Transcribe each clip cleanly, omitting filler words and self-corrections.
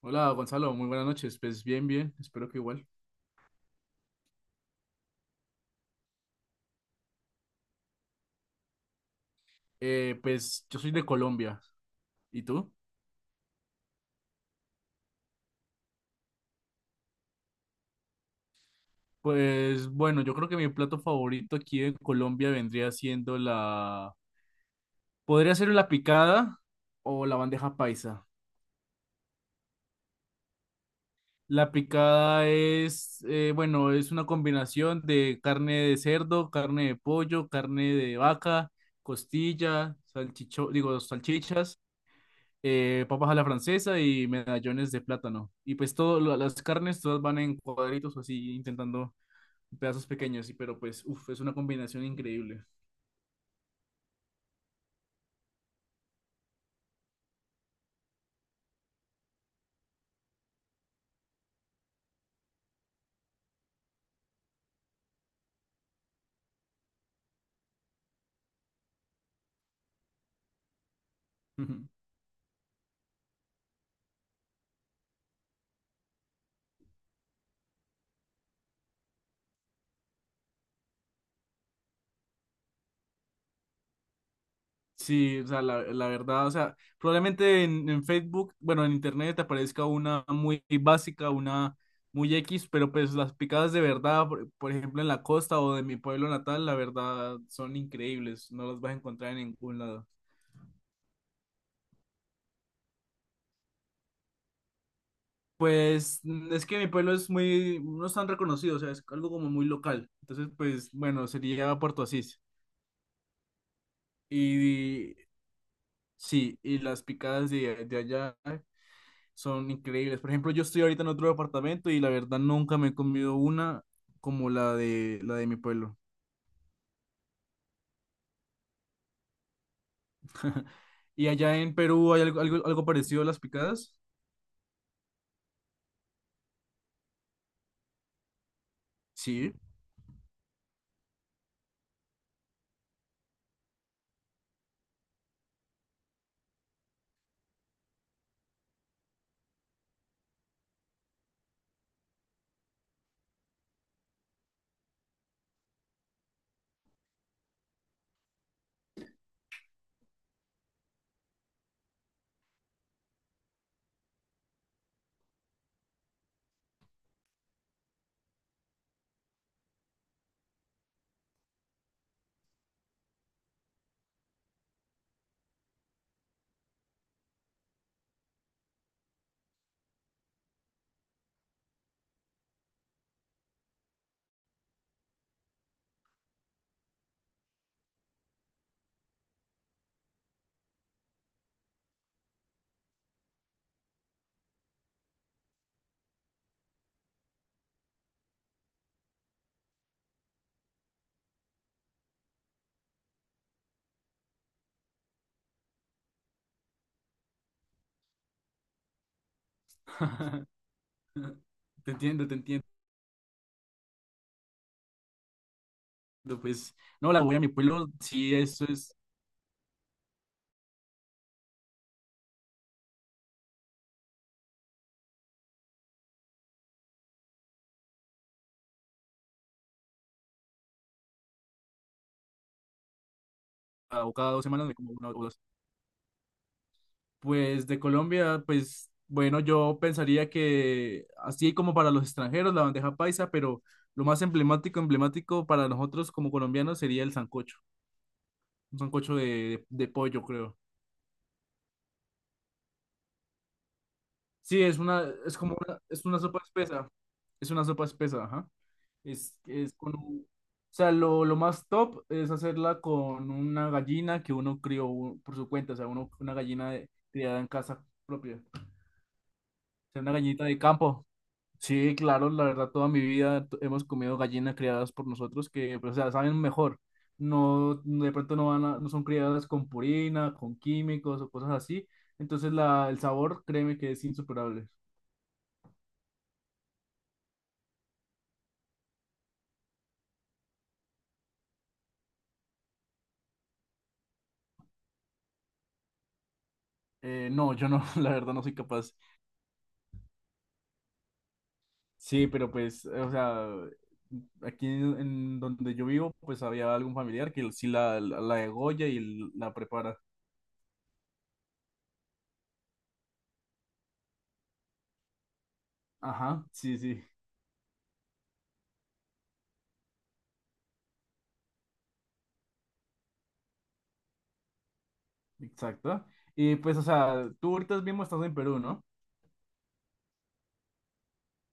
Hola Gonzalo, muy buenas noches. Pues bien, bien, espero que igual. Pues yo soy de Colombia. ¿Y tú? Pues bueno, yo creo que mi plato favorito aquí en Colombia vendría siendo... Podría ser la picada o la bandeja paisa. La picada es, bueno, es una combinación de carne de cerdo, carne de pollo, carne de vaca, costilla, salchicho, digo, salchichas. Papas a la francesa y medallones de plátano. Y pues todas las carnes, todas van en cuadritos o así, intentando pedazos pequeños, y, pero pues, uff, es una combinación increíble. Sí, o sea, la verdad, o sea, probablemente en Facebook, bueno, en Internet te aparezca una muy básica, una muy X, pero pues las picadas de verdad, por ejemplo, en la costa o de mi pueblo natal, la verdad son increíbles, no las vas a encontrar en ningún lado. Pues es que mi pueblo es muy, no es tan reconocido, o sea, es algo como muy local. Entonces, pues bueno, sería Puerto Asís. Y sí, y las picadas de allá son increíbles. Por ejemplo, yo estoy ahorita en otro departamento y la verdad nunca me he comido una como la de mi pueblo. ¿Y allá en Perú hay algo, algo, algo parecido a las picadas? Sí. Te entiendo, te entiendo. Pues no, la voy a mi pueblo, sí, eso es, ah, cada dos semanas me como una o dos. Pues de Colombia, pues bueno, yo pensaría que así como para los extranjeros la bandeja paisa, pero lo más emblemático, emblemático para nosotros como colombianos sería el sancocho, un sancocho de pollo, creo. Sí, es una, es como una, es una sopa espesa, es una sopa espesa, ajá. Es con un- o sea, lo más top es hacerla con una gallina que uno crió por su cuenta, o sea, uno, una gallina de- criada en casa propia, o sea, una gallinita de campo. Sí, claro, la verdad, toda mi vida t- hemos comido gallinas criadas por nosotros que, pues, o sea, saben mejor. No, de pronto no van a- no son criadas con purina, con químicos o cosas así. Entonces, la, el sabor, créeme que es insuperable. No, yo no, la verdad, no soy capaz. Sí, pero pues, o sea, aquí en donde yo vivo, pues había algún familiar que sí la degolla y la prepara. Ajá, sí, sí, exacto. Y pues, o sea, tú ahorita mismo estás en Perú, ¿no?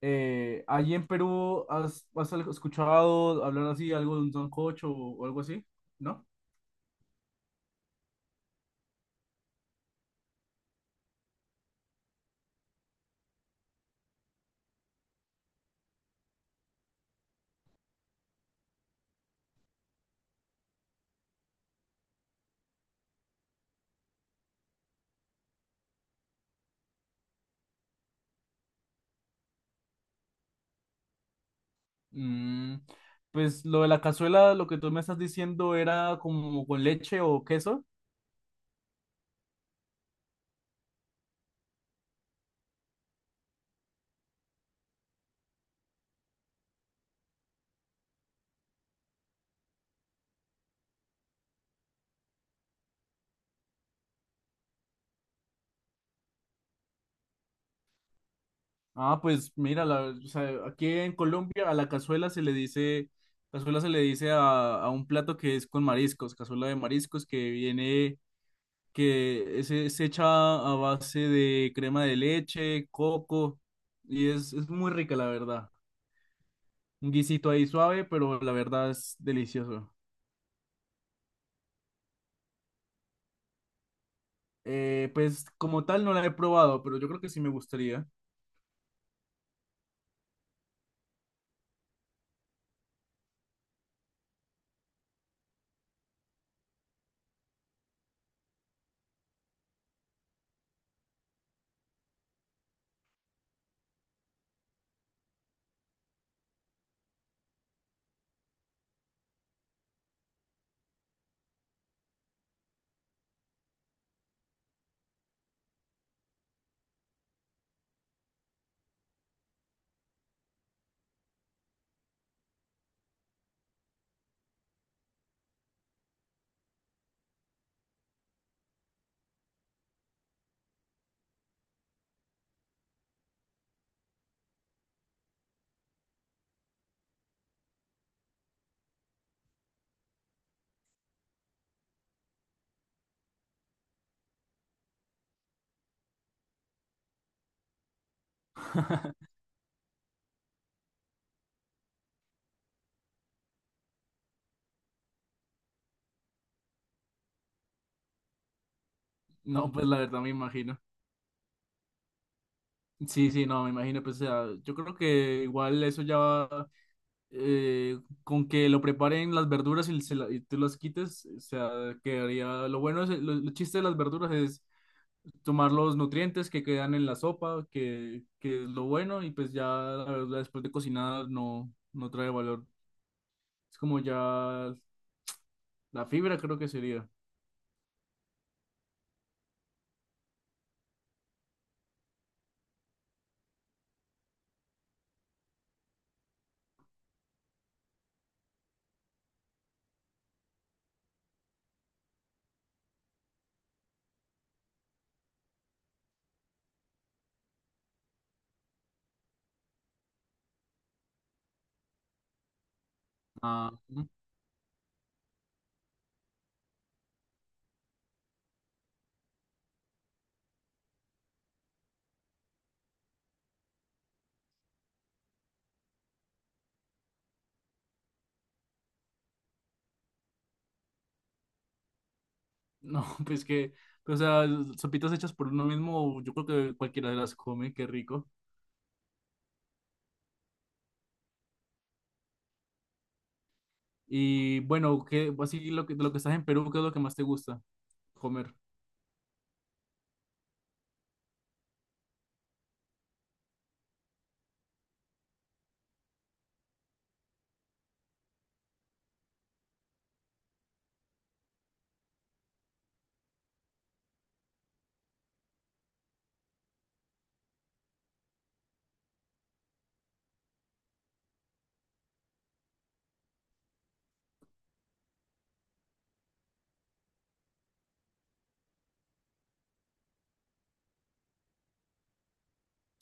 ¿Allí en Perú has, has escuchado hablar así, algo de un sancocho o algo así? ¿No? Mm, pues lo de la cazuela, lo que tú me estás diciendo era como con leche o queso. Ah, pues mira, la- o sea, aquí en Colombia a la cazuela se le dice, cazuela se le dice a un plato que es con mariscos, cazuela de mariscos que viene, que es hecha a base de crema de leche, coco, y es muy rica, la verdad. Un guisito ahí suave, pero la verdad es delicioso. Pues como tal no la he probado, pero yo creo que sí me gustaría. No, pues la verdad me imagino. Sí, sí, no, me imagino, pues o sea, yo creo que igual eso ya va, eh, con que lo preparen las verduras y, se la- y tú las quites, o sea, quedaría, lo bueno es, lo chiste de las verduras es tomar los nutrientes que quedan en la sopa, que es lo bueno, y pues ya la verdura después de cocinada no, no trae valor. Es como ya. La fibra creo que sería. Ah, mm, no, pues que, o sea, sopitas hechas por uno mismo, yo creo que cualquiera las come, qué rico. Y bueno, ¿qué, así lo que, de lo que estás en Perú, ¿qué es lo que más te gusta comer?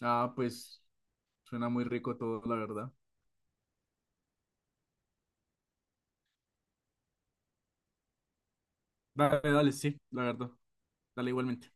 Ah, pues suena muy rico todo, la verdad. Dale, dale, sí, la verdad. Dale igualmente.